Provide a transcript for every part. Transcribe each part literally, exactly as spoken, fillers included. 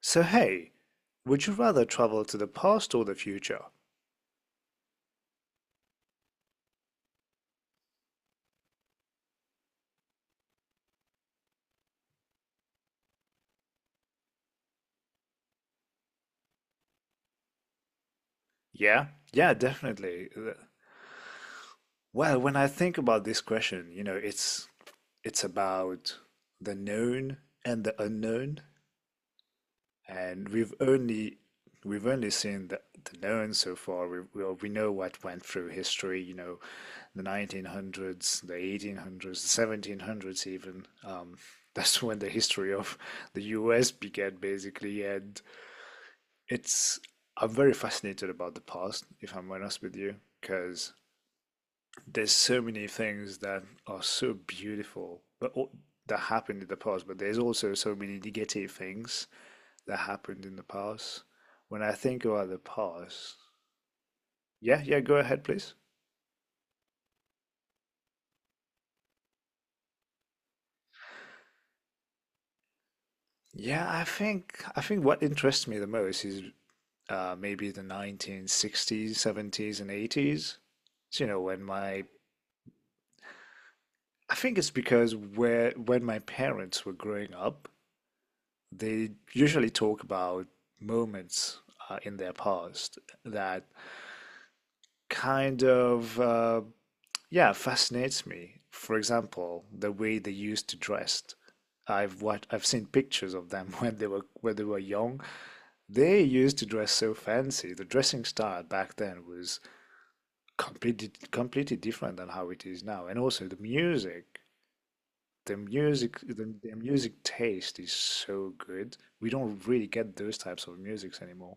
So hey, would you rather travel to the past or the future? Yeah, yeah, definitely. Uh, Well, when I think about this question, you know, it's it's about the known and the unknown, and we've only we've only seen the, the known so far. We we, we know what went through history, you know, the nineteen hundreds, the eighteen hundreds, the seventeen hundreds even. Um, that's when the history of the U S began basically, and It's I'm very fascinated about the past, if I'm honest with you, because there's so many things that are so beautiful, but all, that happened in the past. But there's also so many negative things that happened in the past. When I think about the past, Yeah, yeah, go ahead, please. Yeah, I think I think what interests me the most is uh, maybe the nineteen sixties, seventies, and eighties. So, you know, when my I think it's because where when my parents were growing up, they usually talk about moments uh, in their past that kind of uh, yeah fascinates me. For example, the way they used to dress. I've what I've seen pictures of them when they were when they were young. They used to dress so fancy. The dressing style back then was completely completely different than how it is now. And also the music, the music, the, the music taste is so good. We don't really get those types of musics anymore.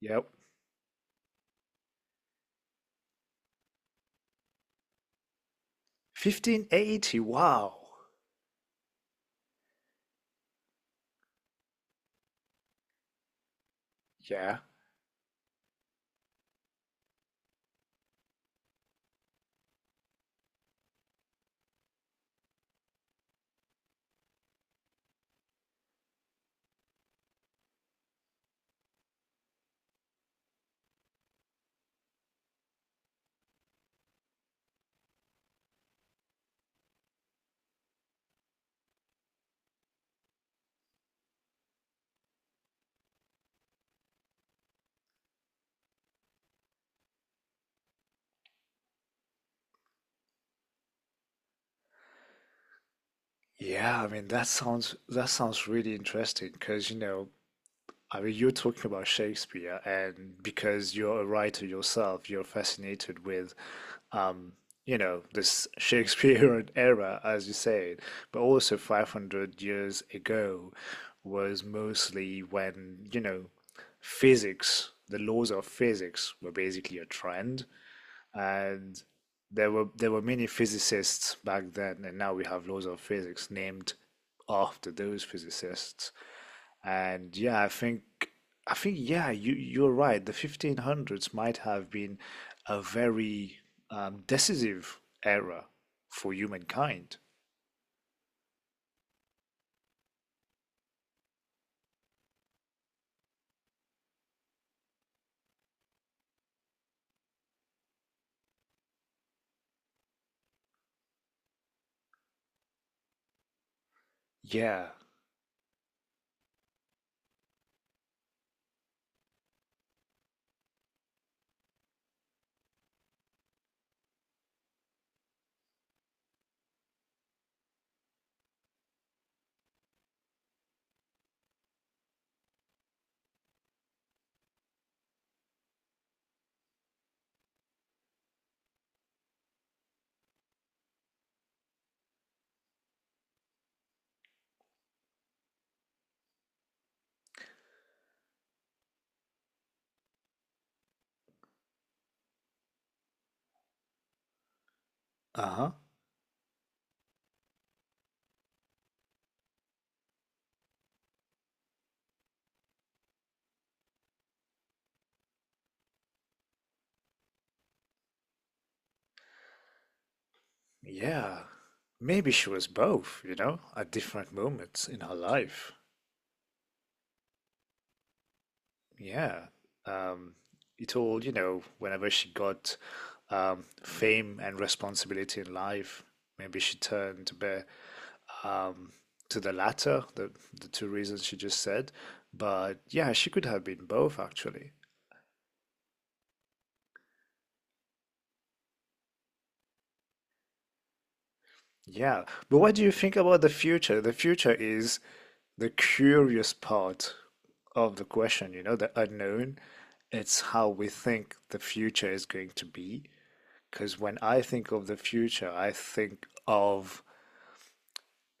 Yep. fifteen eighty. Wow. Yeah. Yeah, I mean that sounds that sounds really interesting because you know, I mean you're talking about Shakespeare and because you're a writer yourself, you're fascinated with um, you know, this Shakespearean era as you said, but also five hundred years ago was mostly when, you know, physics, the laws of physics were basically a trend and there were there were many physicists back then, and now we have laws of physics named after those physicists. And yeah, I think I think yeah, you you're right. The fifteen hundreds might have been a very um, decisive era for humankind. Yeah. Uh-huh. Yeah. Maybe she was both, you know, at different moments in her life. Yeah. Um, it all, you know, whenever she got um, fame and responsibility in life, maybe she turned a bit um, to the latter, the, the two reasons she just said. But yeah, she could have been both, actually. Yeah. But what do you think about the future? The future is the curious part of the question, you know, the unknown. It's how we think the future is going to be. Because when I think of the future, I think of,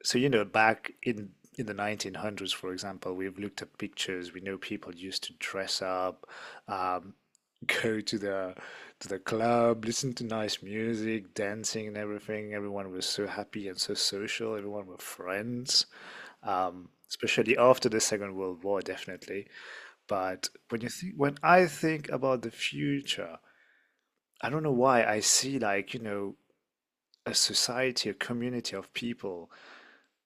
so, you know, back in in the nineteen hundreds, for example, we've looked at pictures. We know people used to dress up, um, go to the to the club, listen to nice music, dancing and everything. Everyone was so happy and so social. Everyone were friends, um, especially after the Second World War, definitely. But when you think, when I think about the future, I don't know why I see like, you know, a society, a community of people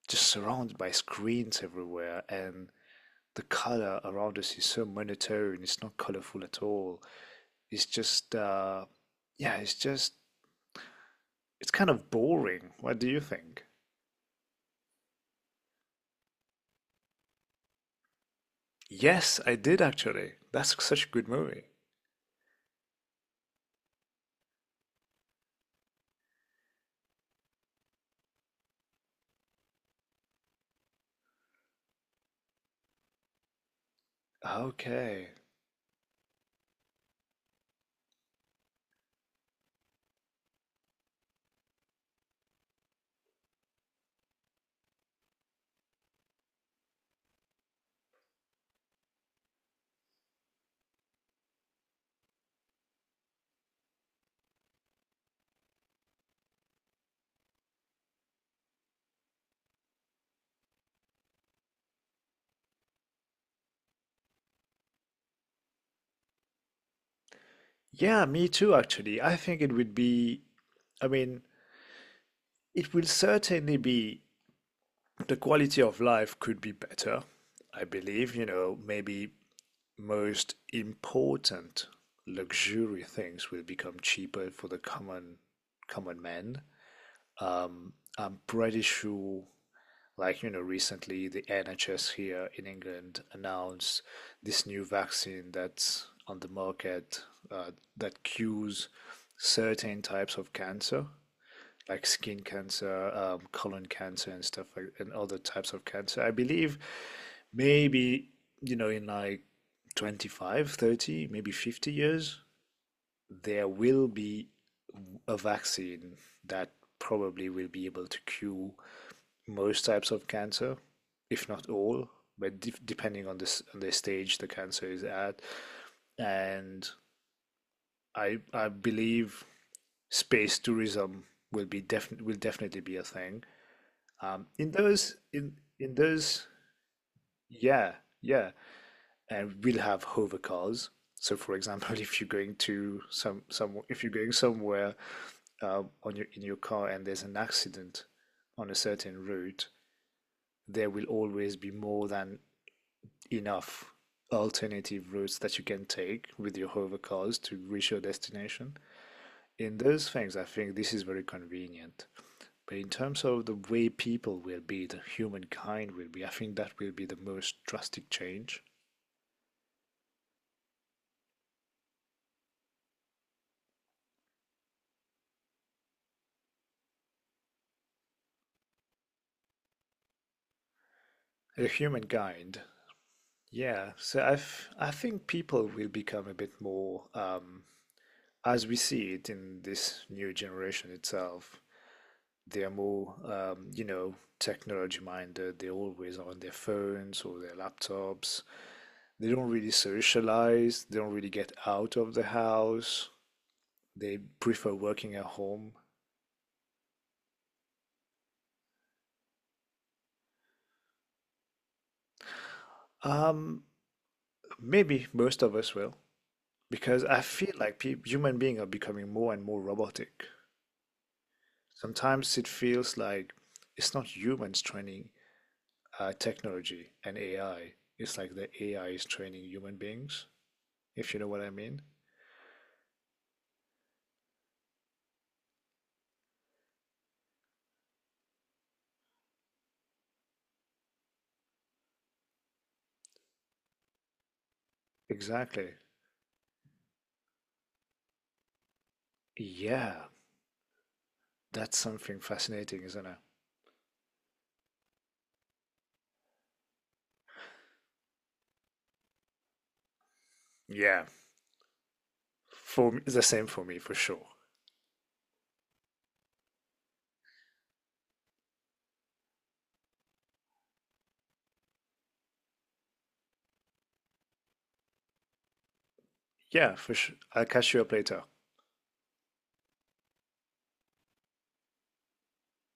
just surrounded by screens everywhere, and the color around us is so monotone. It's not colorful at all. It's just, uh, yeah, it's just, it's kind of boring. What do you think? Yes, I did actually. That's such a good movie. Okay. Yeah, me too, actually. I think it would be, I mean, it will certainly be the quality of life could be better. I believe, you know, maybe most important luxury things will become cheaper for the common common man. I'm pretty sure, like you know, recently the N H S here in England announced this new vaccine that's on the market uh, that cures certain types of cancer like skin cancer, um, colon cancer, and stuff like and other types of cancer. I believe maybe you know in like twenty-five, thirty, maybe fifty years, there will be a vaccine that probably will be able to cure most types of cancer, if not all, but de- depending on this on the stage the cancer is at. And I I believe space tourism will be definitely will definitely be a thing um, in those, in in those, yeah, yeah, and we'll have hover cars. So, for example, if you're going to some some if you're going somewhere uh, on your in your car and there's an accident on a certain route, there will always be more than enough alternative routes that you can take with your hover cars to reach your destination. In those things, I think this is very convenient. But in terms of the way people will be, the humankind will be, I think that will be the most drastic change. The humankind, yeah. So I've, I think people will become a bit more, um, as we see it in this new generation itself, they're more, um, you know, technology minded. They're always on their phones or their laptops. They don't really socialize. They don't really get out of the house. They prefer working at home. Um, Maybe most of us will, because I feel like peop human beings are becoming more and more robotic. Sometimes it feels like it's not humans training uh, technology and A I. It's like the A I is training human beings, if you know what I mean. Exactly. Yeah, that's something fascinating, isn't it? Yeah, for me, it's the same for me, for sure. Yeah, for sure. I'll catch you up later.